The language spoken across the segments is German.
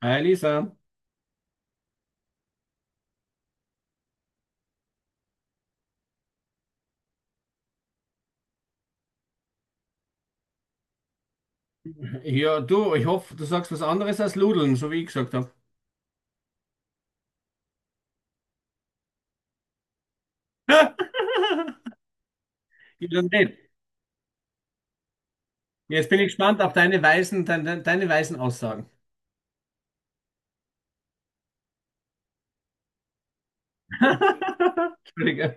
Hi Lisa. Ja, du, ich hoffe, du sagst was anderes als Ludeln, so wie ich gesagt habe. Ja, dann red. Jetzt bin ich gespannt auf deine weisen, deine weisen Aussagen. Entschuldige.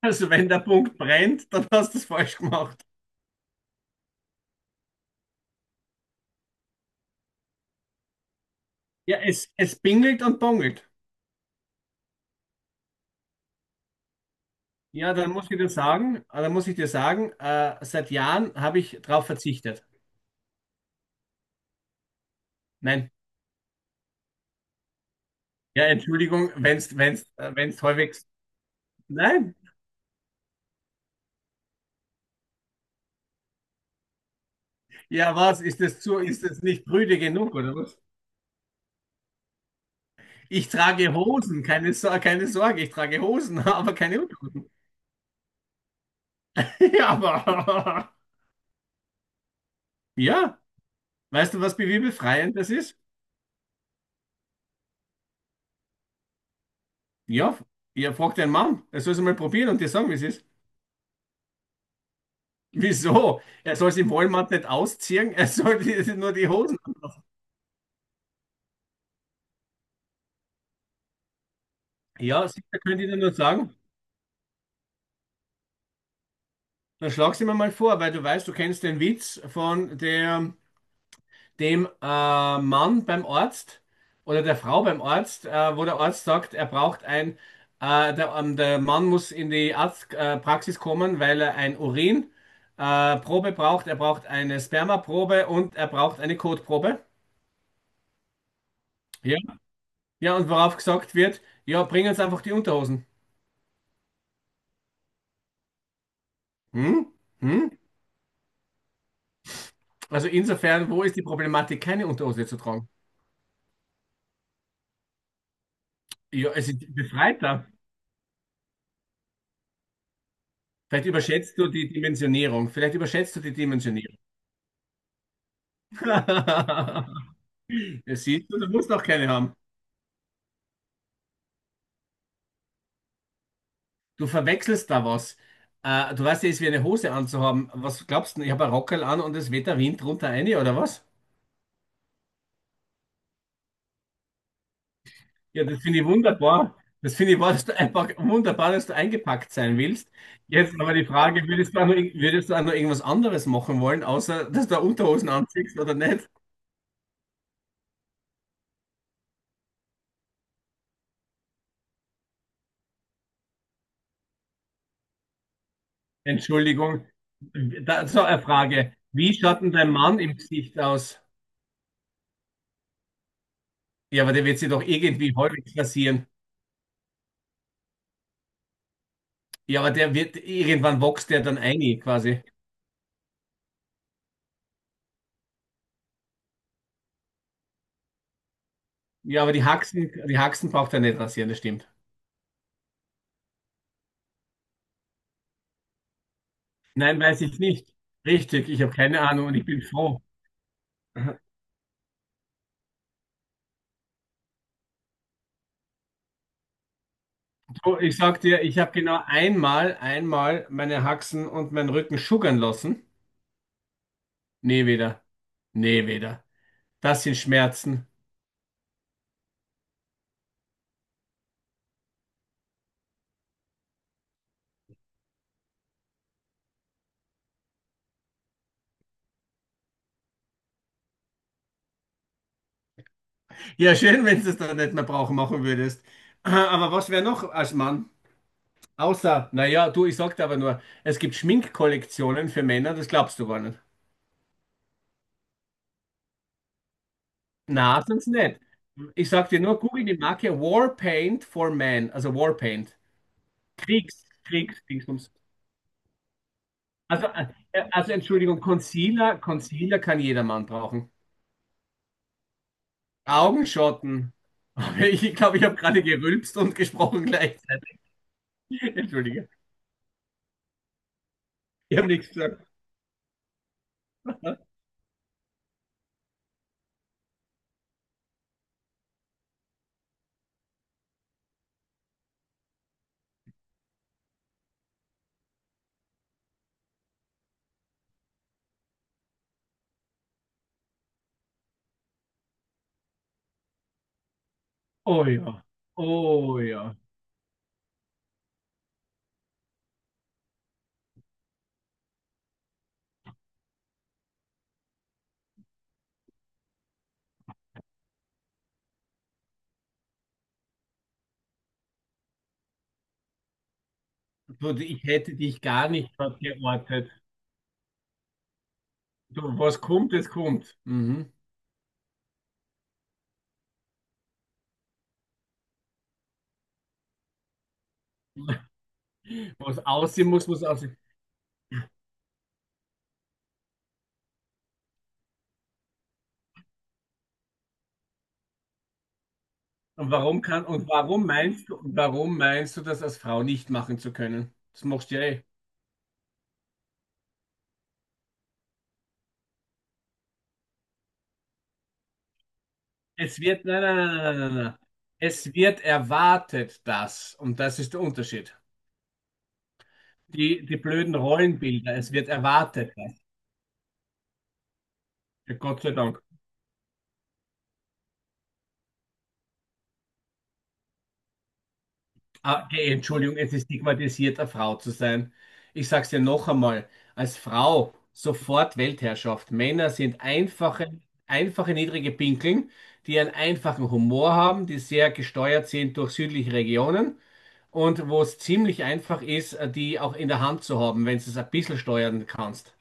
Also wenn der Punkt brennt, dann hast du es falsch gemacht. Ja, es bingelt und bongelt. Ja, dann muss ich dir sagen, dann muss ich dir sagen, seit Jahren habe ich darauf verzichtet. Nein. Ja, Entschuldigung, wenn's häufig. Nein. Ja, was? Ist das nicht prüde genug, oder was? Ich trage Hosen, keine, keine Sorge, ich trage Hosen, aber keine Unterhosen. Ja, aber. Ja, weißt du, was bewierbefreiend das ist? Ja, ihr fragt deinen Mann, er soll es mal probieren und dir sagen, wie es ist. Wieso? Er soll es im Walmart nicht ausziehen, er soll nur die Hosen. Ja, sicher könnte ich dir nur sagen, dann schlag's ihm mal vor, weil du weißt, du kennst den Witz von der dem Mann beim Arzt oder der Frau beim Arzt, wo der Arzt sagt, er braucht ein, der, der Mann muss in die Arztpraxis Praxis kommen, weil er ein Urin Probe braucht, er braucht eine Spermaprobe und er braucht eine Kotprobe. Ja. Ja, und worauf gesagt wird, ja, bring uns einfach die Unterhosen. Hm? Hm? Also insofern, wo ist die Problematik, keine Unterhose zu tragen? Ja, es ist befreiter. Vielleicht überschätzt du die Dimensionierung. Vielleicht überschätzt du die Dimensionierung. Ja, siehst du, du musst noch keine haben. Du verwechselst da was. Du weißt ja, es ist wie eine Hose anzuhaben. Was glaubst du denn? Ich habe ein Rockerl an und es weht der Wind drunter rein, oder was? Ja, das finde ich wunderbar. Das finde ich wahr, dass du einfach wunderbar, dass du eingepackt sein willst. Jetzt aber die Frage, würdest du auch noch irgendwas anderes machen wollen, außer dass du Unterhosen anziehst oder nicht? Entschuldigung. Da, so eine Frage. Wie schaut denn dein Mann im Gesicht aus? Ja, aber der wird sich doch irgendwie häufig rasieren. Ja, aber der wird, irgendwann wächst der dann ein, quasi. Ja, aber die Haxen braucht er nicht rasieren, das stimmt. Nein, weiß ich nicht. Richtig, ich habe keine Ahnung und ich bin froh. Du, ich sag dir, ich habe genau einmal meine Haxen und meinen Rücken schuggern lassen. Nee, wieder. Nee, wieder. Das sind Schmerzen. Ja, schön, wenn du es dann nicht mehr brauchen machen würdest. Aber was wäre noch als Mann? Außer, naja, du, ich sagte aber nur, es gibt Schminkkollektionen für Männer, das glaubst du gar nicht. Na, sonst nicht. Ich sag dir nur, google die Marke Warpaint for Men, also Warpaint. Dingsbums. Also, also Entschuldigung, Concealer kann jeder Mann brauchen. Augenschatten. Aber ich glaube, ich habe gerade gerülpst und gesprochen gleichzeitig. Entschuldige, ich habe nichts gesagt. Oh ja, oh ja. Du, ich hätte dich gar nicht dort geortet. Du, was kommt, das kommt. Mhm. Was aussehen muss, muss aussehen. Und warum meinst du, das als Frau nicht machen zu können? Das machst du ja eh. Es wird, nein, nein, nein, nein, nein, nein, nein. Es wird erwartet, das. Und das ist der Unterschied. Die, die blöden Rollenbilder. Es wird erwartet, das. Ja, Gott sei Dank. Ah, die Entschuldigung, es ist stigmatisierter, Frau zu sein. Ich sag's dir noch einmal, als Frau sofort Weltherrschaft. Männer sind einfache, einfache niedrige Pinkeln, die einen einfachen Humor haben, die sehr gesteuert sind durch südliche Regionen und wo es ziemlich einfach ist, die auch in der Hand zu haben, wenn du es ein bisschen steuern kannst.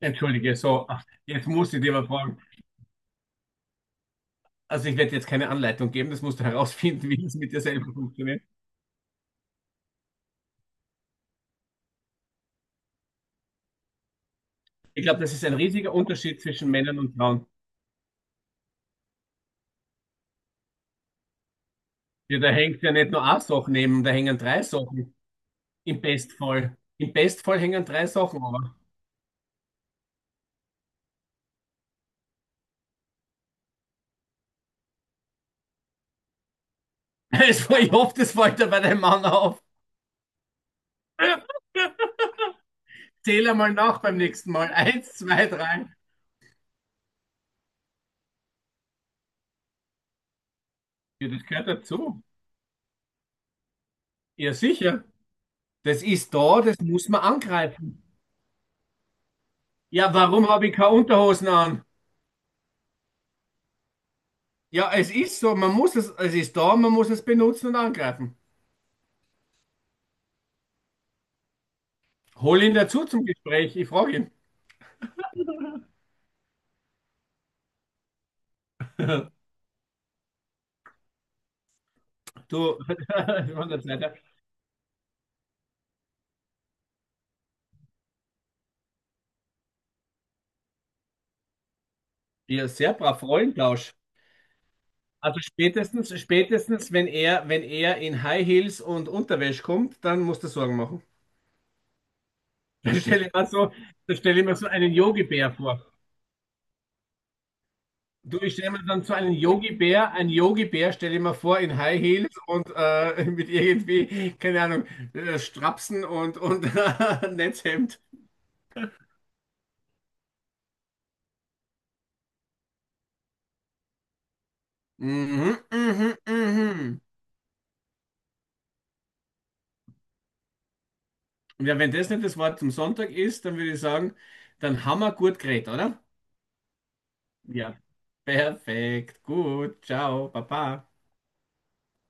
Entschuldige, so, ach, jetzt muss ich dir mal fragen. Also ich werde jetzt keine Anleitung geben, das musst du herausfinden, wie das mit dir selber funktioniert. Ich glaube, das ist ein riesiger Unterschied zwischen Männern und Frauen. Ja, da hängt ja nicht nur eine Sache neben, da hängen drei Sachen. Im Bestfall. Im Bestfall hängen drei Sachen, aber. Es war, ich hoffe, das fällt dir bei deinem Mann auf. Zähl einmal nach beim nächsten Mal. Eins, zwei, drei. Ja, das gehört dazu. Ja, sicher. Das ist da, das muss man angreifen. Ja, warum habe ich keine Unterhosen an? Ja, es ist so, man muss es, es ist da, man muss es benutzen und angreifen. Hol ihn dazu zum Gespräch, ich frage ihn. Du, von der Seite. Ja, sehr brav, Rollentausch. Spätestens, wenn er in High Heels und Unterwäsche kommt, dann musst du Sorgen machen. Dann stelle ich mir so, dann stelle ich mir so einen Yogi-Bär vor. Du, ich stelle mir dann so einen einen Yogi-Bär stelle ich mir vor in High Heels und mit irgendwie, keine Ahnung, Strapsen und Netzhemd. Mhm, mhm, mhm. Ja, wenn das nicht das Wort zum Sonntag ist, dann würde ich sagen, dann haben wir gut geredet, oder? Ja, perfekt, gut, ciao, baba.